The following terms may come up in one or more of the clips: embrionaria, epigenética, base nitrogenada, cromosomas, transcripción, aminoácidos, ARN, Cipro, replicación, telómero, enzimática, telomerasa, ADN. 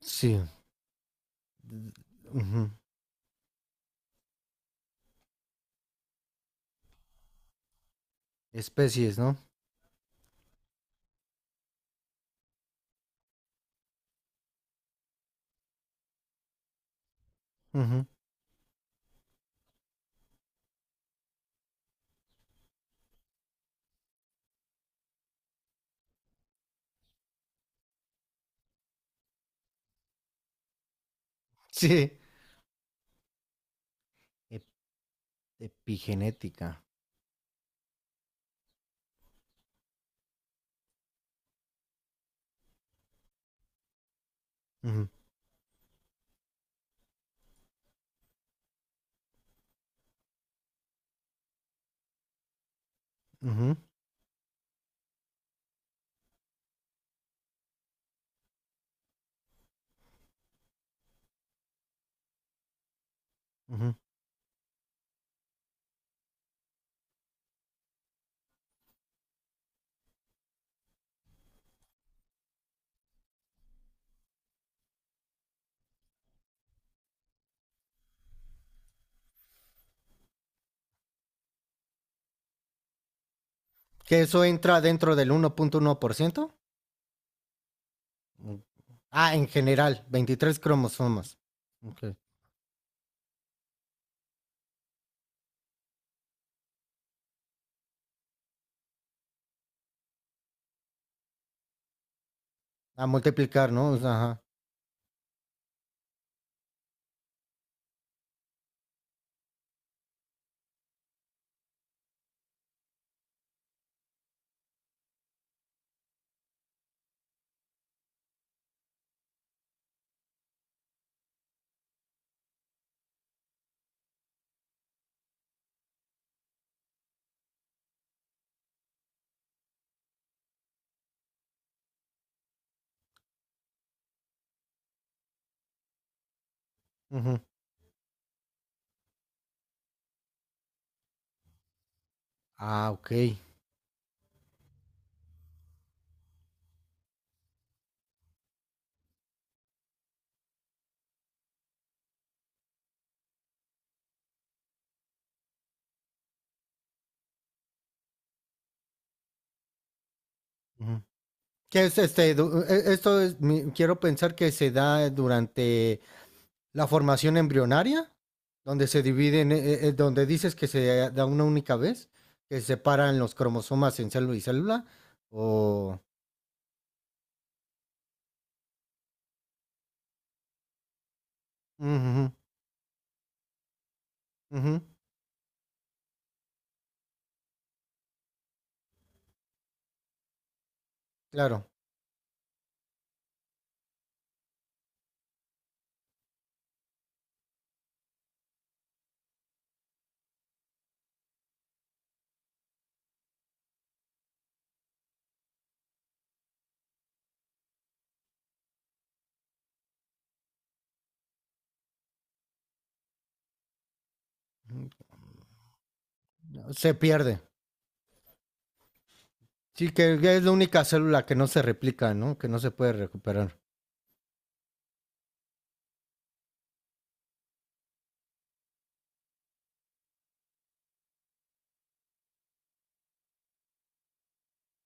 Sí. Ujú. Especies, ¿no? Ujú. Sí. Ep- Epigenética. Ujú, ujú, ujú. ¿Que eso entra dentro del 1.1%? Mm. Ah, en general, 23 cromosomas. Ok. A multiplicar, ¿no? O sea, ajá. Ujú. Ah, ok. Ujú. ¿Qué es este? Quiero pensar que se da durante la formación embrionaria, donde se dividen, donde dices que se da una única vez, que separan los cromosomas en célula y célula, o... Ujú, ujú, claro, se pierde. Sí, que es la única célula que no se replica, ¿no? Que no se puede recuperar.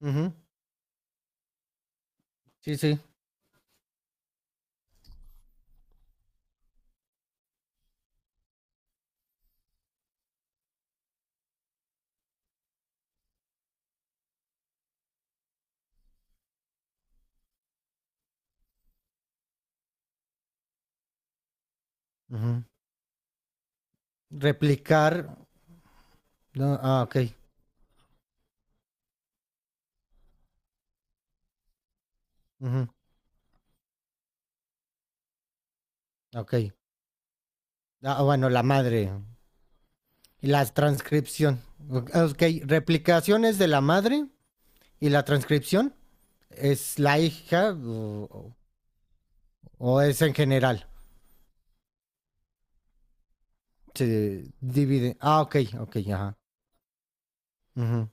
Ujú, sí, sí. Ujú. Replicar... No, ah, ok. Ujú, ok. Ah, bueno, la madre. Y la transcripción. Ok, replicaciones de la madre y la transcripción. ¿Es la hija o es en general? Se divide. Ah, ok, ok, ajá. Ujú,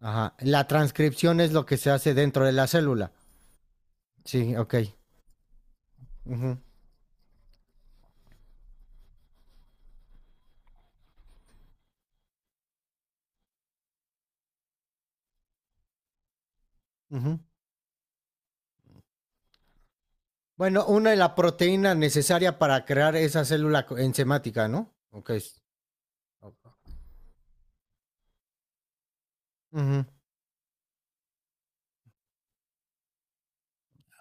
ajá. La transcripción es lo que se hace dentro de la célula. Sí, ok. Ujú, ujú. Bueno, una es la proteína necesaria para crear esa célula enzimática, ¿no? Ok. O- Ujú,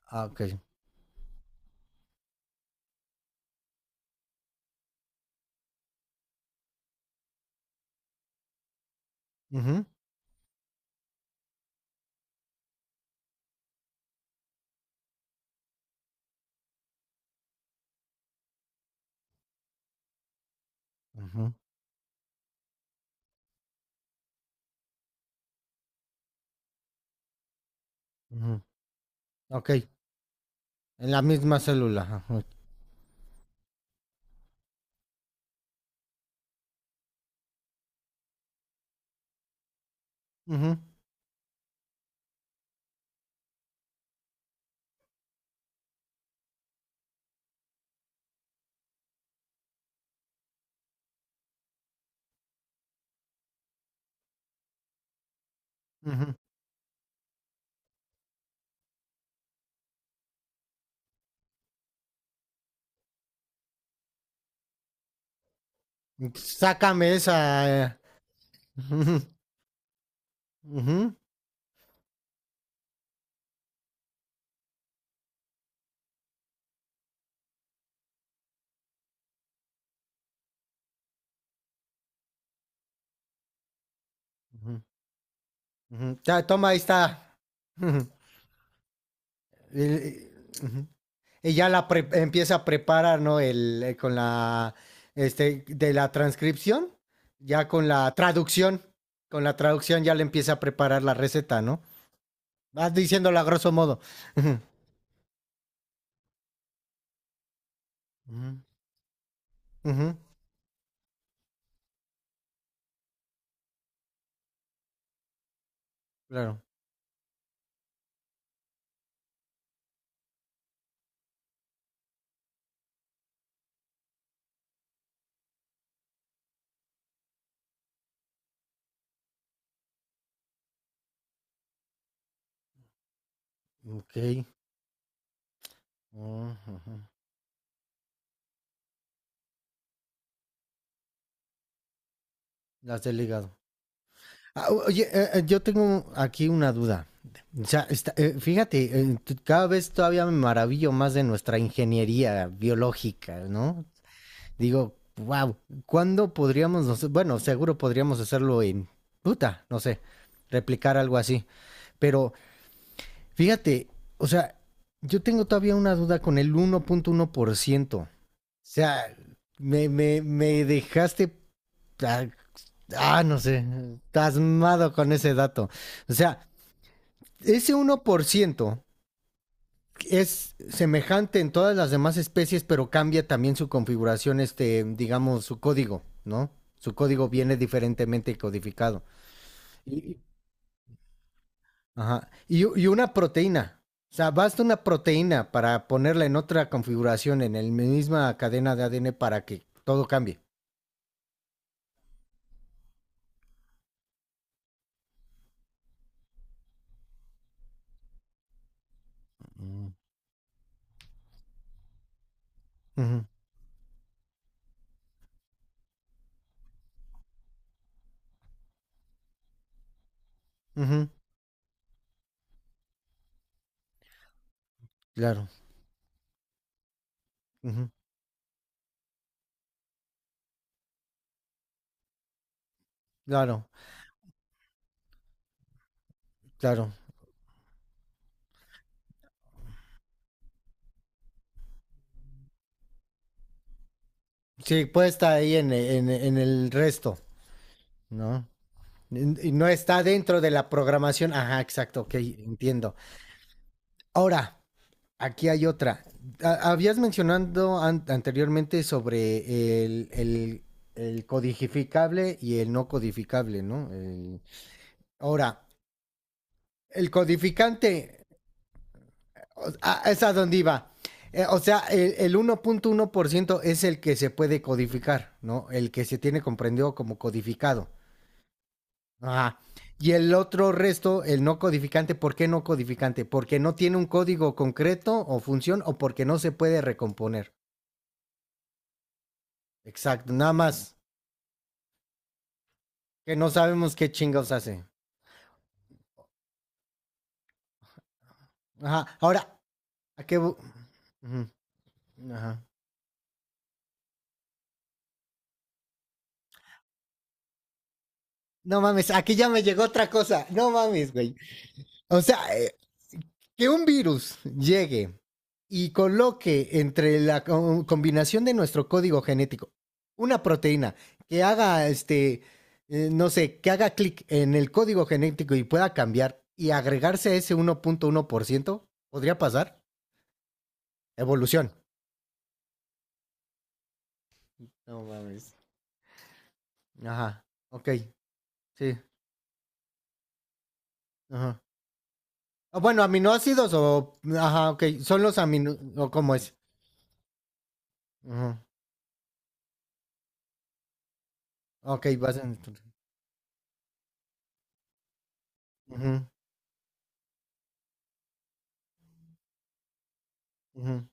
ah, ok. Ujú, ujú, ujú, ok. En la misma célula. Ajá, ujú, ujú. Sácame esa. Ujú, ujú, ujú. Ujú. Ya, toma, ahí está. Ujú. Y, y- Ujú. Y ya la empieza a preparar, ¿no? El, con la, de la transcripción, ya con la traducción ya le empieza a preparar la receta, ¿no? Vas diciéndola a grosso modo. Ujú. Ujú. Ujú. Claro. Ok. Ujú. Las del hígado. Ah, oye, yo tengo aquí una duda. O sea, fíjate, cada vez todavía me maravillo más de nuestra ingeniería biológica, ¿no? Digo, wow, ¿cuándo podríamos, bueno, seguro podríamos hacerlo en puta, no sé, replicar algo así. Pero fíjate, o sea, yo tengo todavía una duda con el uno uno punto uno por ciento. O sea, me dejaste ah, no sé, tasmado con ese dato. O sea, ese 1% es semejante en todas las demás especies, pero cambia también su configuración, este, digamos, su código, ¿no? Su código viene diferentemente codificado. Y, ajá. Y una proteína. O sea, basta una proteína para ponerla en otra configuración, en la misma cadena de ADN, para que todo cambie. Mm. Ujú, ujú, claro, ujú, claro, claro. Sí, puede estar ahí en el resto, ¿no? Y no está dentro de la programación. Ajá, exacto, ok, entiendo. Ahora, aquí hay otra. Habías mencionado an anteriormente sobre el, codificable y el no codificable, ¿no? El... Ahora, el codificante, es a donde iba. O sea, el uno uno punto uno por ciento es el que se puede codificar, ¿no? El que se tiene comprendido como codificado. Ajá. Y el otro resto, el no codificante, ¿por qué no codificante? Porque no tiene un código concreto o función o porque no se puede recomponer. Exacto, nada más que no sabemos qué chingados hace. Ajá, ahora, ¿a qué? Ujú, ajá. No mames, aquí ya me llegó otra cosa. No mames, güey. O sea, que un virus llegue y coloque entre la combinación de nuestro código genético una proteína que haga no sé, que haga clic en el código genético y pueda cambiar y agregarse a ese 1.1% podría pasar. Evolución. No mames. Ajá. Ok. Sí. Ajá. Ah, bueno, aminoácidos o. Ajá, ok. Son los amino. ¿O cómo es? Ajá. Ok, vas a. Ujú, ujú.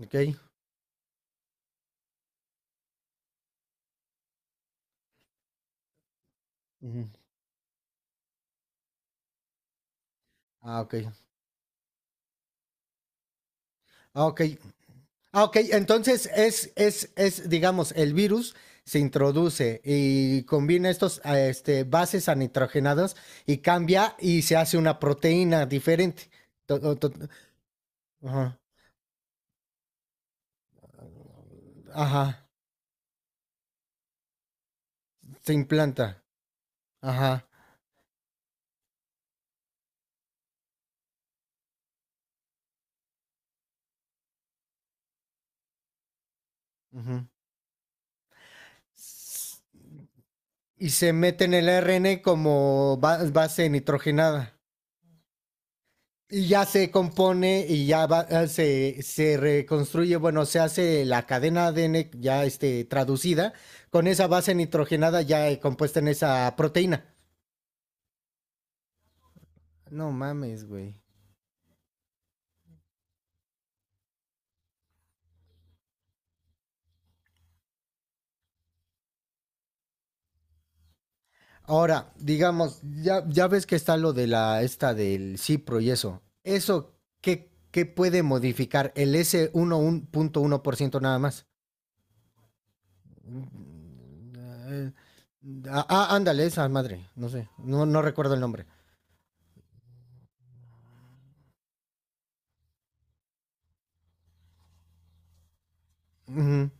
Ok. Ujú. Ah, ok. Ah, ok. Ah, ok. Entonces es, digamos, el virus se introduce y combina estos bases a y cambia y se hace una proteína diferente. To- to- to- ajá. Ajá. Se implanta. Ajá. Ujú. S- Y se mete en el ARN como base nitrogenada. Y ya se compone y ya se reconstruye, bueno, se hace la cadena ADN ya traducida con esa base nitrogenada ya compuesta en esa proteína. No mames, güey. Ahora, digamos, ya, ya ves que está lo de la esta del Cipro y eso. ¿Eso qué puede modificar? El s 1% nada más. Mm, eh, Ah, ándale, esa madre, no sé, no, no recuerdo el nombre. Ujú.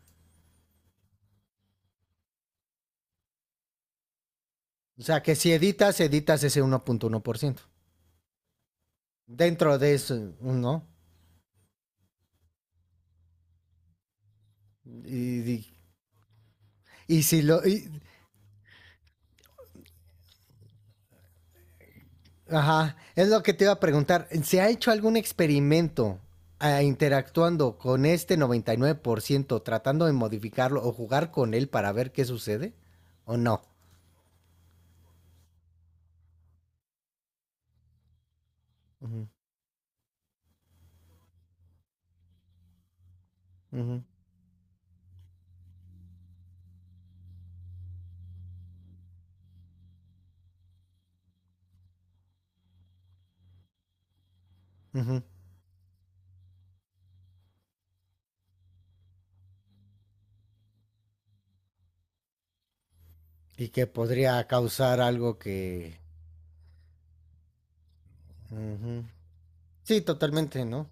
O sea, que si editas ese uno uno punto uno por ciento dentro de eso, ¿no? Y, y- y si lo... Ajá, es lo que te iba a preguntar. ¿Se ha hecho algún experimento interactuando con este 99% tratando de modificarlo o jugar con él para ver qué sucede? ¿O no? Ujú, ujú, ujú. Y que podría causar algo que... Ujú. Sí, totalmente, ¿no?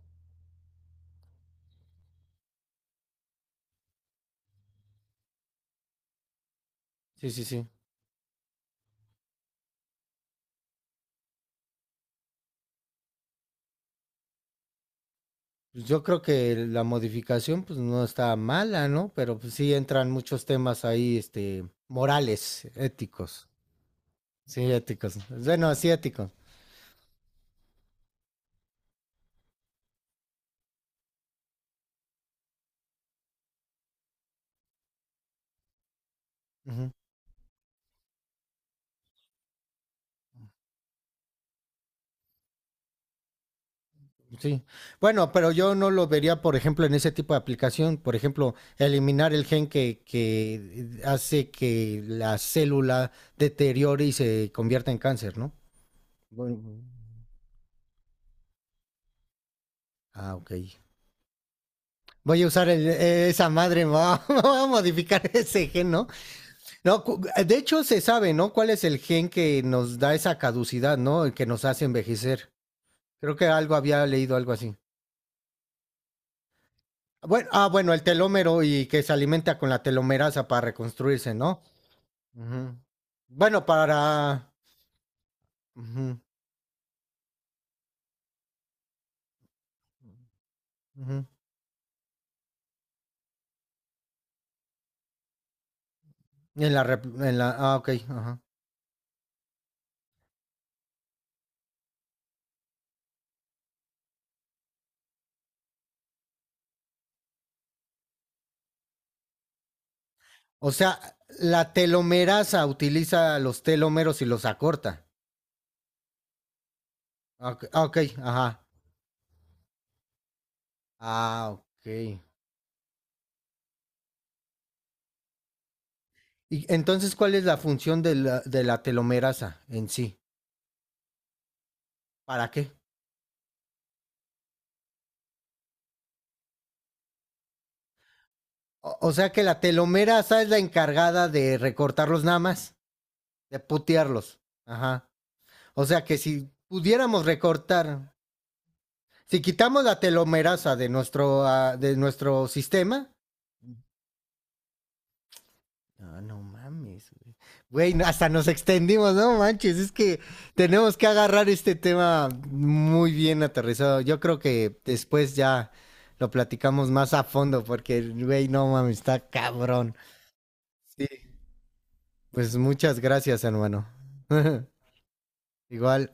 Sí, sí, sí. Pues yo creo que la modificación, pues, no está mala, ¿no? Pero, pues, sí entran muchos temas ahí, este, morales, éticos. Sí, éticos. Bueno, sí, éticos. Ujú, sí. Bueno, pero yo no lo vería, por ejemplo, en ese tipo de aplicación. Por ejemplo, eliminar el gen que hace que la célula deteriore y se convierta en cáncer, ¿no? Bueno, ah, ok. Voy a usar esa madre, me voy a modificar ese gen, ¿no? No, de hecho se sabe, ¿no? ¿Cuál es el gen que nos da esa caducidad, ¿no? El que nos hace envejecer. Creo que algo había leído, algo así. Bueno, bueno, el telómero y que se alimenta con la telomerasa para reconstruirse, ¿no? Ujú. Bueno, para... ujú, ujú. En la... Ah, ok. Ajá. O sea, la telomerasa utiliza los telómeros y los acorta. Ah, ok, ah, ok, ajá. Ah, ok. Y entonces, ¿cuál es la función de la telomerasa en sí? ¿Para qué? O sea que la telomera esa es la encargada de recortarlos nada más, de putearlos. Ajá. O sea que si pudiéramos recortar, si quitamos la telomerasa de nuestro sistema. No, no mames, güey. Güey, hasta nos extendimos, no manches. Es que tenemos que agarrar este tema muy bien aterrizado. Yo creo que después ya lo platicamos más a fondo porque, güey, no mames, está cabrón. Sí, pues muchas gracias, hermano. Igual.